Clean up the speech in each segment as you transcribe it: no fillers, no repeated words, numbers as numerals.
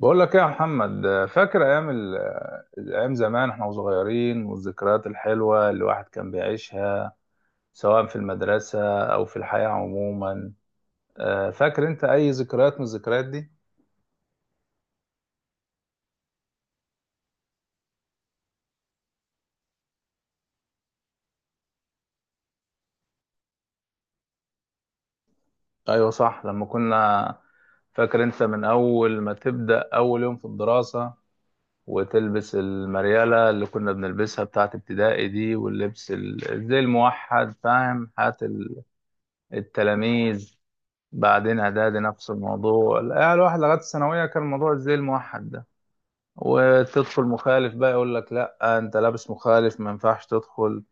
بقول لك ايه يا محمد، فاكر ايام زمان احنا وصغيرين، والذكريات الحلوه اللي الواحد كان بيعيشها سواء في المدرسه او في الحياه عموما. فاكر انت اي ذكريات من الذكريات دي؟ ايوه صح. لما كنا فاكر انت من اول ما تبدا اول يوم في الدراسه، وتلبس المرياله اللي كنا بنلبسها بتاعت ابتدائي دي، واللبس زي الموحد، فاهم؟ التلاميذ. بعدين اعدادي نفس الموضوع، يعني الواحد لغايه الثانويه كان الموضوع زي الموحد ده، وتدخل مخالف بقى يقول لك لا انت لابس مخالف ما ينفعش تدخل،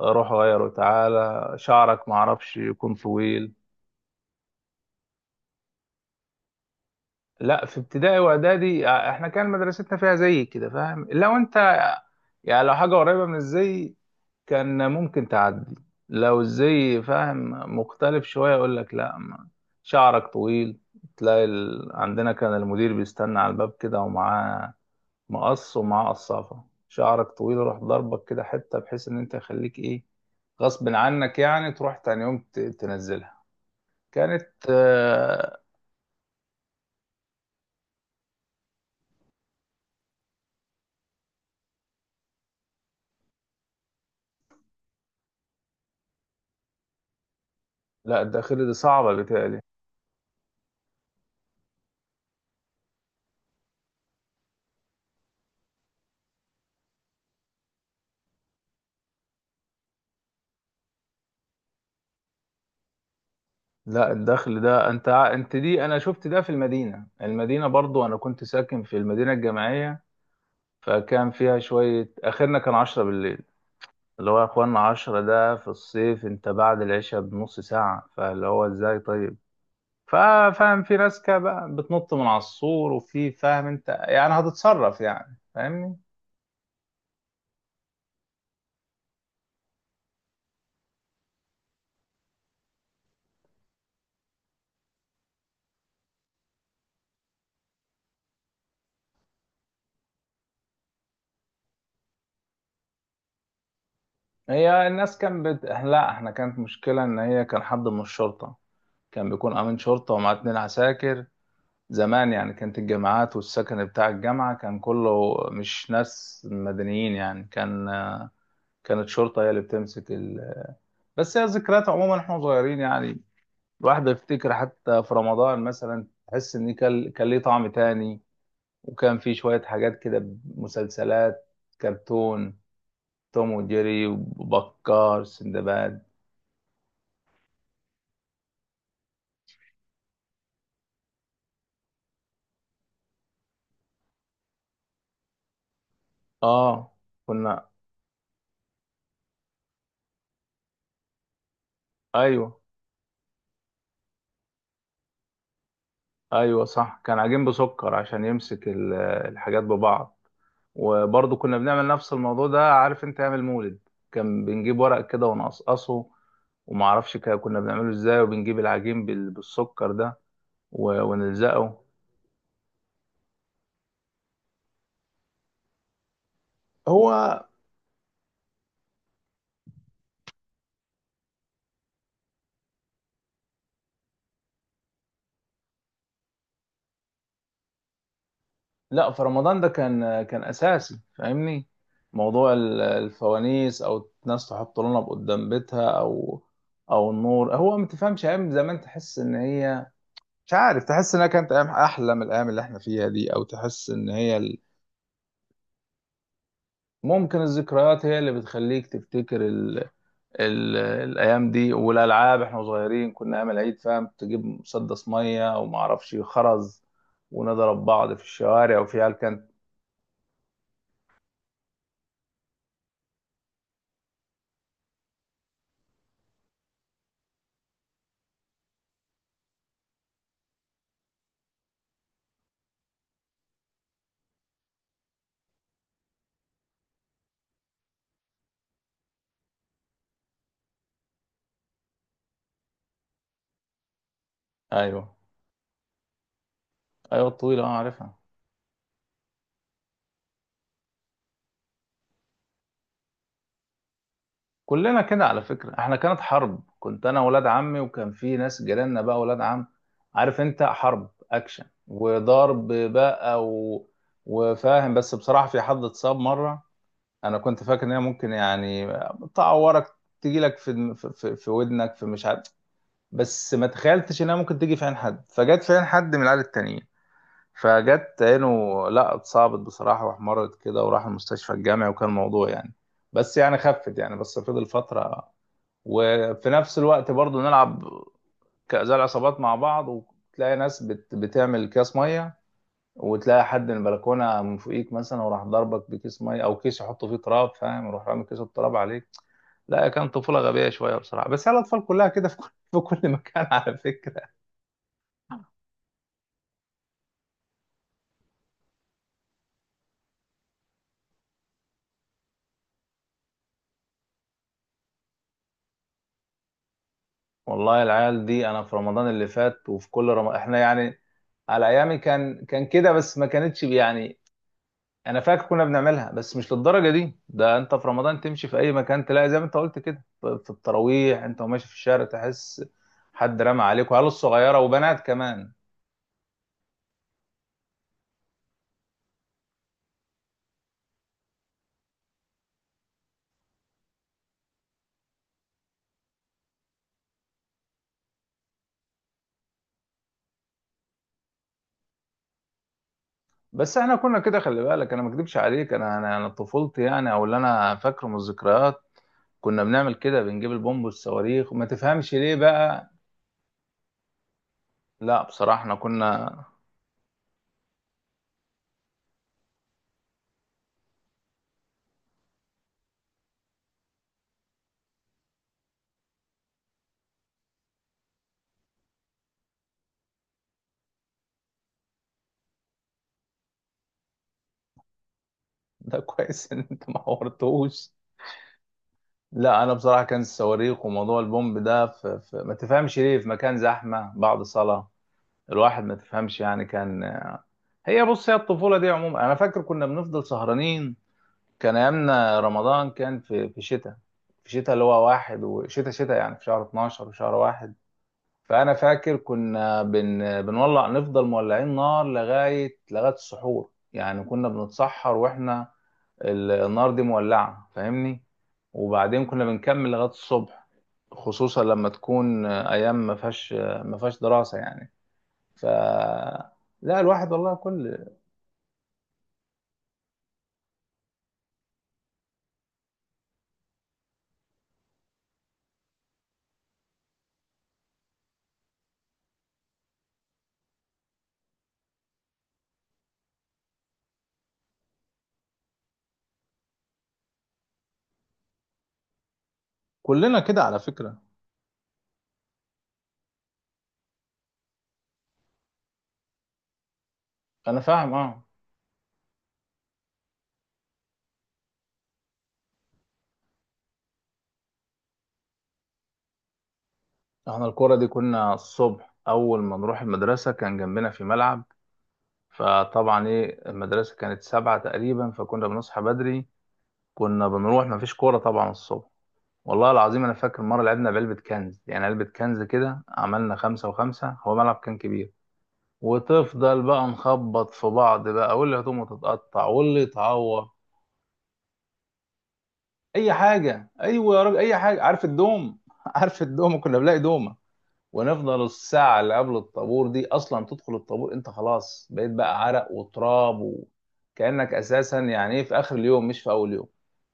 روح غيره، تعالى شعرك ما اعرفش يكون طويل. لا في ابتدائي واعدادي، احنا كان مدرستنا فيها زي كده، فاهم؟ لو انت يعني لو حاجه قريبه من الزي كان ممكن تعدي، لو الزي فاهم مختلف شويه يقول لك لا، شعرك طويل. تلاقي عندنا كان المدير بيستنى على الباب كده ومعاه مقص ومعاه قصافه، شعرك طويل روح، ضربك كده حته بحيث ان انت يخليك ايه غصب عنك، يعني تروح تاني يوم تنزلها. كانت آه. لا الداخلي دي صعبه بتاعي. لا الدخل ده انت دي، انا شفت ده في المدينة برضو، انا كنت ساكن في المدينة الجامعية، فكان فيها شوية، اخرنا كان عشرة بالليل، اللي هو يا اخوانا عشرة ده في الصيف، انت بعد العشاء بنص ساعة، فاللي هو ازاي طيب؟ ففاهم في ناس كده بقى بتنط من على السور، وفي فاهم انت، يعني هتتصرف يعني، فاهمني؟ هي الناس لا احنا كانت مشكلة ان هي كان حد من الشرطة، كان بيكون امين شرطة ومعاه اتنين عساكر. زمان يعني كانت الجامعات والسكن بتاع الجامعة كان كله مش ناس مدنيين يعني، كان كانت شرطة هي اللي بتمسك بس هي ذكريات عموما احنا صغيرين يعني. الواحد يفتكر حتى في رمضان مثلا تحس ان كان ليه طعم تاني، وكان في شوية حاجات كده: مسلسلات، كرتون، توم وجيري وبكار سندباد. اه كنا. ايوه. ايوه صح، كان عجين بسكر عشان يمسك الحاجات ببعض. وبرضه كنا بنعمل نفس الموضوع ده، عارف انت اعمل مولد، كان بنجيب ورق كده ونقصقصه، وما اعرفش كنا بنعمله ازاي، وبنجيب العجين بالسكر ده ونلزقه. هو لا، في رمضان ده كان اساسي فاهمني، موضوع الفوانيس، او الناس تحط لنا قدام بيتها، او النور، هو ما تفهمش ايام زمان تحس ان هي، مش عارف، تحس انها كانت ايام احلى من الايام اللي احنا فيها دي، او تحس ان هي ممكن الذكريات هي اللي بتخليك تفتكر الايام دي. والالعاب، احنا صغيرين كنا ايام العيد فاهم، تجيب مسدس ميه وما اعرفش خرز، ونضرب بعض في الشوارع، وفي عيال كانت. ايوه. ايوه الطويله اه عارفها. كلنا كده على فكرة، احنا كانت حرب، كنت انا ولاد عمي، وكان في ناس جيراننا بقى ولاد عم، عارف انت حرب اكشن وضرب بقى و... وفاهم. بس بصراحة في حد اتصاب مرة، انا كنت فاكر ان هي ممكن يعني تعورك، تجيلك في في ودنك في مش عارف، بس ما تخيلتش انها ممكن تيجي في عين حد، فجت في عين حد من العيال التانيين، فجت عينه. لا اتصابت بصراحة واحمرت كده، وراح المستشفى الجامعي وكان الموضوع يعني، بس يعني خفت يعني، بس فضل فترة. وفي نفس الوقت برضو نلعب كأزاء العصابات مع بعض، وتلاقي ناس بتعمل اكياس ميه، وتلاقي حد من البلكونه من فوقيك مثلا وراح ضربك بكيس ميه، او كيس يحطه فيه تراب فاهم، يروح رامي كيس التراب عليك. لا كان طفوله غبيه شويه بصراحه، بس هي الاطفال كلها كده في كل في كل مكان على فكره. والله العيال دي انا في رمضان اللي فات وفي كل رمضان احنا يعني، على ايامي كان كده بس ما كانتش يعني، انا فاكر كنا بنعملها بس مش للدرجه دي. ده انت في رمضان تمشي في اي مكان تلاقي زي ما انت قلت كده، في التراويح انت وماشي في الشارع تحس حد رمى عليك، وعيال صغيره وبنات كمان. بس احنا كنا كده خلي بالك، انا ما اكدبش عليك، انا طفولتي يعني، او اللي انا فاكره من الذكريات كنا بنعمل كده، بنجيب البومب والصواريخ وما تفهمش ليه بقى. لا بصراحه احنا كنا. ده كويس ان انت ما حورتوش. لا انا بصراحه، كان الصواريخ وموضوع البومب ده ما تفهمش ليه، في مكان زحمه بعد صلاه، الواحد ما تفهمش يعني كان. هي بص، هي الطفولة دي عموما أنا فاكر كنا بنفضل سهرانين. كان أيامنا رمضان كان في شتاء، اللي هو واحد، وشتاء شتاء يعني في شهر 12 وشهر واحد، فأنا فاكر كنا بنولع، نفضل مولعين نار لغاية السحور، يعني كنا بنتسحر وإحنا النار دي مولعة فاهمني، وبعدين كنا بنكمل لغاية الصبح، خصوصا لما تكون أيام ما فيهاش دراسة يعني. ف لا الواحد والله كل. كلنا كده على فكرة. انا فاهم اه. احنا الكرة دي، كنا الصبح اول ما نروح المدرسة كان جنبنا في ملعب، فطبعا ايه المدرسة كانت سبعة تقريبا فكنا بنصحى بدري، كنا بنروح مفيش كورة طبعا الصبح. والله العظيم انا فاكر مرة لعبنا بعلبة كنز، يعني علبة كنز كده، عملنا خمسة وخمسة، هو ملعب كان كبير، وتفضل بقى نخبط في بعض بقى، واللي هتقوم تتقطع واللي يتعور. اي حاجه، ايوه يا راجل اي حاجه. عارف الدوم؟ عارف الدوم، كنا بنلاقي دومه، ونفضل الساعه اللي قبل الطابور دي، اصلا تدخل الطابور انت خلاص بقيت بقى عرق وتراب، وكانك اساسا يعني ايه في اخر اليوم مش في اول يوم.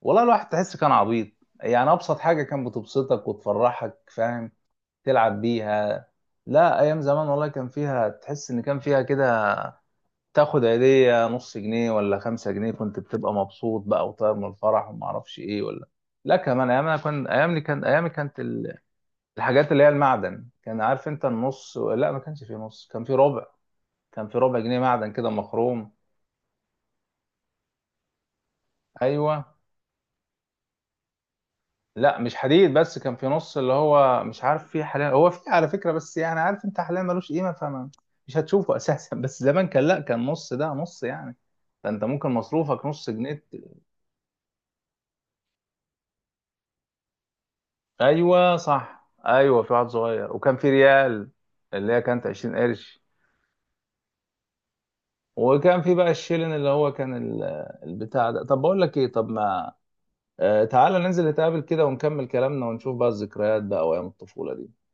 والله الواحد تحس كان عبيط يعني، ابسط حاجه كان بتبسطك وتفرحك فاهم، تلعب بيها. لا ايام زمان والله كان فيها، تحس ان كان فيها كده تاخد هدية نص جنيه ولا خمسة جنيه، كنت بتبقى مبسوط بقى وطاير من الفرح وما اعرفش ايه ولا. لا كمان ايام، انا كان ايامي كانت الحاجات اللي هي المعدن، كان عارف انت النص، لا ما كانش فيه نص كان فيه ربع، كان فيه ربع جنيه معدن كده مخروم. ايوه. لا مش حديد، بس كان فيه نص اللي هو مش عارف فيه حاليا، هو فيه على فكرة بس يعني عارف انت حاليا ملوش قيمة فما مش هتشوفه اساسا. بس زمان كان، لا كان نص ده نص يعني، فانت ممكن مصروفك نص جنيه. ايوه صح ايوه، في واحد صغير، وكان في ريال اللي هي كانت 20 قرش، وكان في بقى الشيلن اللي هو كان البتاع ده. طب بقول لك ايه، طب ما آه تعالى ننزل نتقابل كده ونكمل كلامنا، ونشوف بقى الذكريات بقى وايام الطفولة دي.